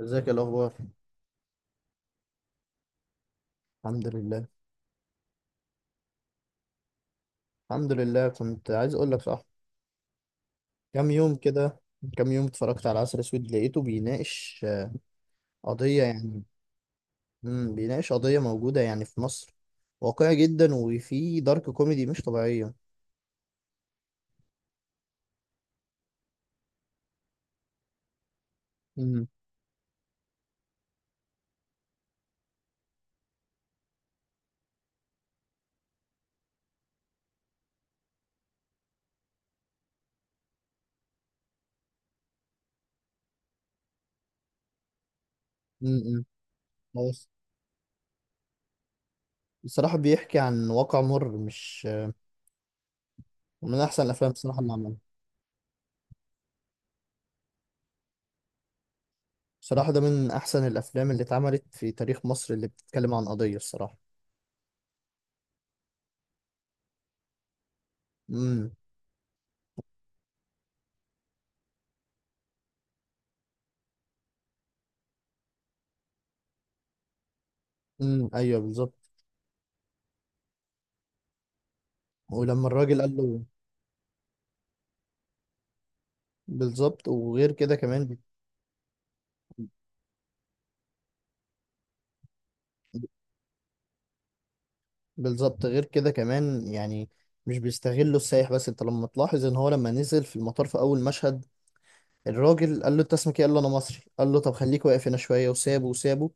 ازيك يا الاخبار؟ الحمد لله. الحمد لله. كنت عايز اقول لك صح. كام يوم كده. كام يوم اتفرجت على عسل اسود، لقيته بيناقش قضيه، يعني. بيناقش قضيه موجوده، يعني في مصر. واقعي جدا، وفيه دارك كوميدي مش طبيعيه. امم. امم. بس بصراحه بيحكي عن واقع مر مش. من احسن الافلام بصراحه اللي عملها. بصراحه ده من احسن الافلام اللي اتعملت في تاريخ مصر، اللي بتتكلم عن قضيه الصراحه. امم. امم. ايوه، بالظبط. ولما الراجل قال له. بالظبط، وغير كده كمان. بالظبط، غير كده كمان، يعني مش بيستغلوا السائح بس. انت لما تلاحظ ان هو لما نزل في المطار، في اول مشهد الراجل قال له: انت اسمك ايه؟ قال له: انا مصري. قال له: طب خليك واقف هنا شويه. وسابه وسابه.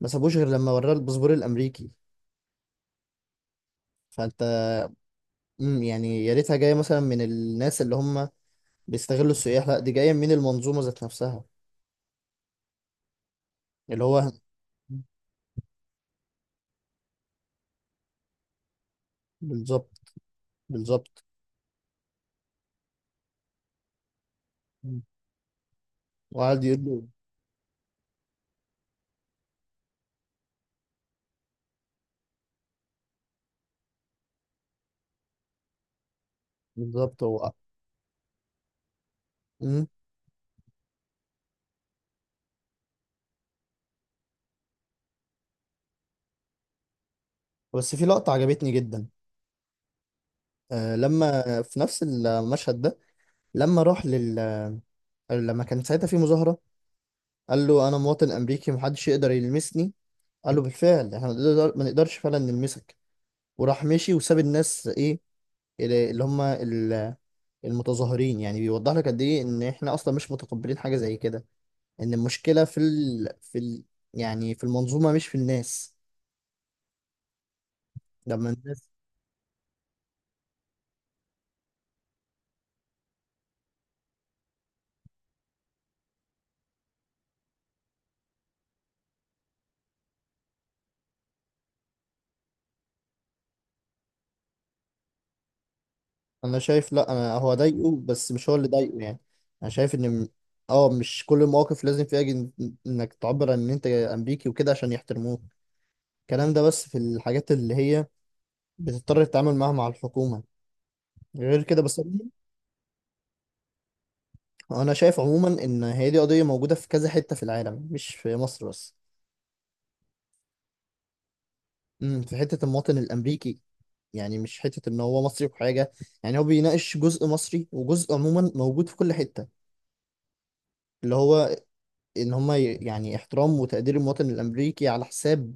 ما سابوش غير لما وراه الباسبور الامريكي. فانت. يعني يا ريتها جايه مثلا من الناس اللي هم بيستغلوا السياح، لا دي جايه من المنظومه ذات نفسها، اللي هو. بالظبط. بالظبط. مم. وقعد يقول له. بالظبط هو. مم. بس في لقطه عجبتني جدا، لما في نفس المشهد ده. لما راح لل... لما كان ساعتها في مظاهرة، قال له: أنا مواطن أمريكي محدش يقدر يلمسني. قال له: بالفعل، احنا ما نقدرش فعلا نلمسك. وراح مشي وساب الناس، ايه، اللي هم المتظاهرين. يعني بيوضح لك قد ايه ان احنا اصلا مش متقبلين حاجة زي كده. ان المشكلة يعني في المنظومة مش في الناس. لما الناس. انا شايف، لا، انا هو ضايقه، بس مش هو اللي ضايقه، يعني. انا شايف ان اه، مش كل المواقف لازم فيها انك تعبر عن ان انت امريكي وكده عشان يحترموك. الكلام ده بس في الحاجات اللي هي بتضطر تتعامل معاها مع الحكومة. غير كده بس. انا شايف عموما ان هي دي قضية موجودة في كذا حتة في العالم، مش في مصر بس. في حتة المواطن الامريكي، يعني مش حتة ان هو مصري وحاجة. يعني هو بيناقش جزء مصري وجزء عموما موجود في كل حتة، اللي هو ان هم يعني احترام وتقدير المواطن الامريكي على حساب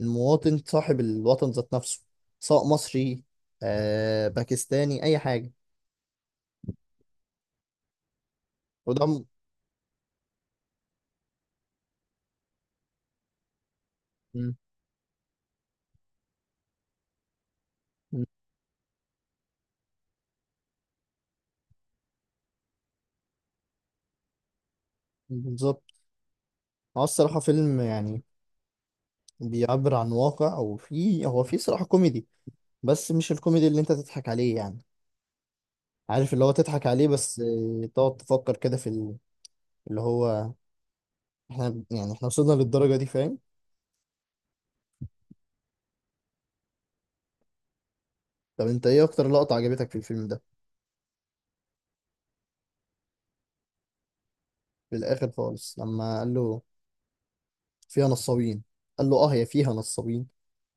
المواطن صاحب الوطن ذات نفسه، سواء مصري باكستاني، اي حاجه. وده م- م- بالظبط. هو الصراحه فيلم، يعني، بيعبر عن واقع. وفي هو في صراحه كوميدي، بس مش الكوميدي اللي انت تضحك عليه، يعني. عارف اللي هو تضحك عليه، بس تقعد تفكر كده. اللي هو احنا، يعني احنا وصلنا للدرجه دي، فاهم. طب انت ايه اكتر لقطه عجبتك في الفيلم ده؟ في الاخر خالص لما قال له فيها نصابين، قال له: اه، هي فيها نصابين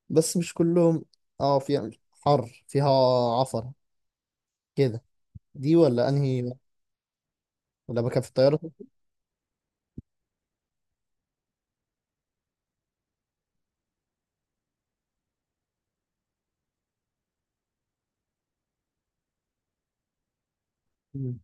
بس مش كلهم، اه فيها حر، فيها عفرة كده. دي ولا انهي؟ لما كان في الطيارة. مم.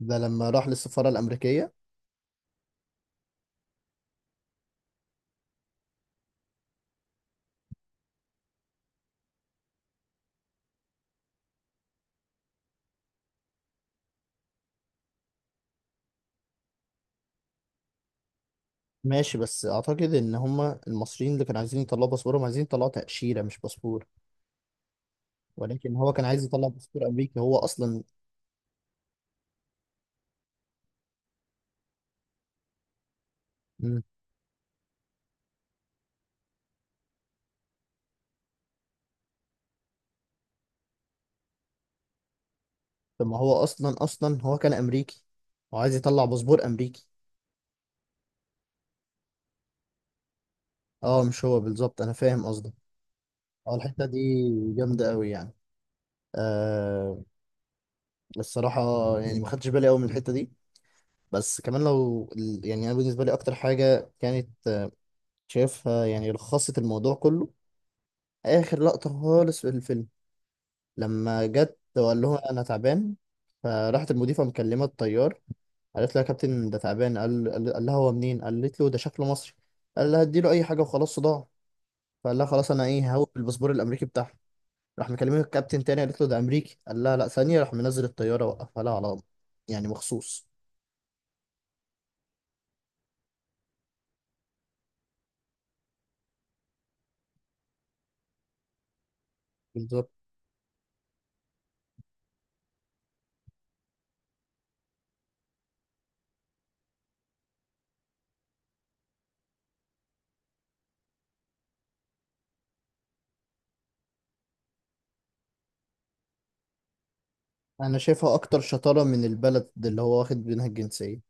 ده لما راح للسفارة الأمريكية. ماشي، بس أعتقد إن هما المصريين اللي كانوا عايزين يطلعوا باسبورهم عايزين يطلعوا تأشيرة مش باسبور. ولكن هو كان عايز يطلع باسبور أمريكي هو أصلا. مم. طب ما هو أصلا هو كان أمريكي، وعايز يطلع باسبور أمريكي. اه، مش هو، بالظبط أنا فاهم قصدك. اه، الحتة دي جامدة أوي، يعني. آه. الصراحة يعني ما خدتش بالي قوي من الحتة دي. بس كمان يعني أنا بالنسبة لي أكتر حاجة كانت شايفها، يعني لخصت الموضوع كله. آخر لقطة خالص في الفيلم لما جت وقال لها: أنا تعبان. فراحت المضيفة مكلمة الطيار، قالت لها: يا كابتن، ده تعبان. قال لها: هو منين؟ قالت له: ده شكله مصري. قال لها: اديله أي حاجة وخلاص، صداع. فقال لها: خلاص. أنا إيه، هوي بالباسبور الأمريكي بتاعها. راح مكلمه الكابتن تاني، قالت له: ده أمريكي. قال لها: لا، ثانية. راح منزل الطيارة، وقفها لها على، يعني، مخصوص. بالظبط. انا شايفها اكتر شطاره من البلد اللي هو واخد منها الجنسيه.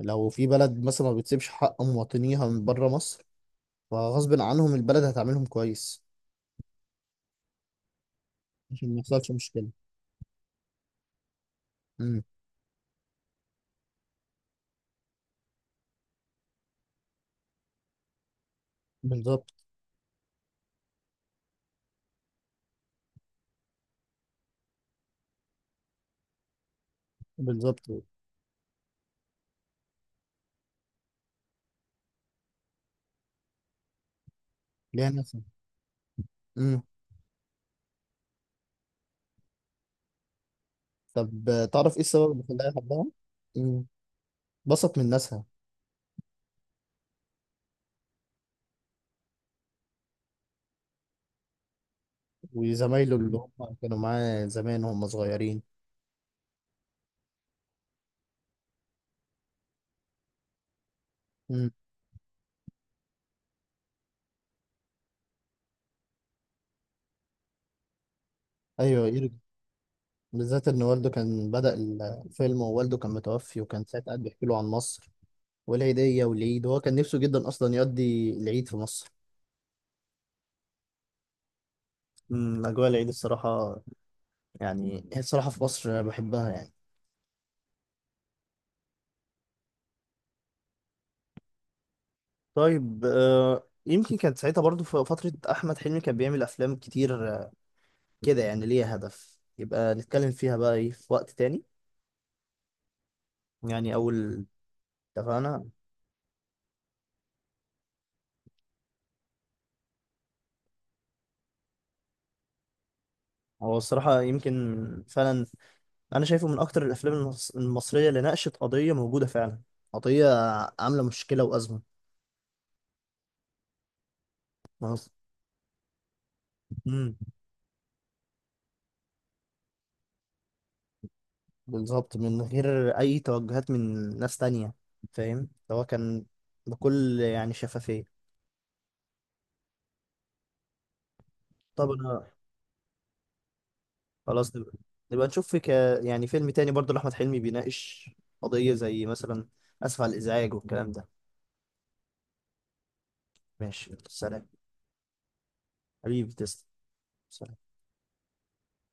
لو في بلد مثلا ما بتسيبش حق مواطنيها من بره مصر، فغصب عنهم البلد هتعاملهم كويس عشان ما يحصلش مشكله. امم. بالظبط. بالظبط. ليها ناسها. امم. طب تعرف ايه السبب اللي خلاها يحبها؟ امم. بسط من ناسها. وزمايله اللي هم كانوا معاه زمان وهم صغيرين. امم. ايوه، يرجع. بالذات ان والده كان بدأ الفيلم، ووالده كان متوفي، وكان ساعتها قاعد بيحكي له عن مصر والعيدية والعيد، هو كان نفسه جدا أصلا يقضي العيد في مصر. أجواء العيد الصراحة، يعني هي الصراحة في مصر بحبها، يعني. طيب يمكن كانت ساعتها برضو في فترة أحمد حلمي كان بيعمل أفلام كتير، كده. يعني ليها هدف، يبقى نتكلم فيها بقى إيه في وقت تاني. يعني أول. اتفقنا. هو الصراحة يمكن فعلا. أنا شايفه من أكتر الأفلام المصرية اللي ناقشت قضية موجودة فعلا. قضية عاملة مشكلة وأزمة. مم. بالظبط، من غير اي توجهات من ناس تانية، فاهم. ده هو كان بكل، يعني، شفافية. طب انا خلاص. نبقى نشوف. يعني فيلم تاني برضه لأحمد حلمي بيناقش قضية، زي مثلا. اسف على الازعاج والكلام ده. ماشي، سلام. حبيبي، تسلم. سلام.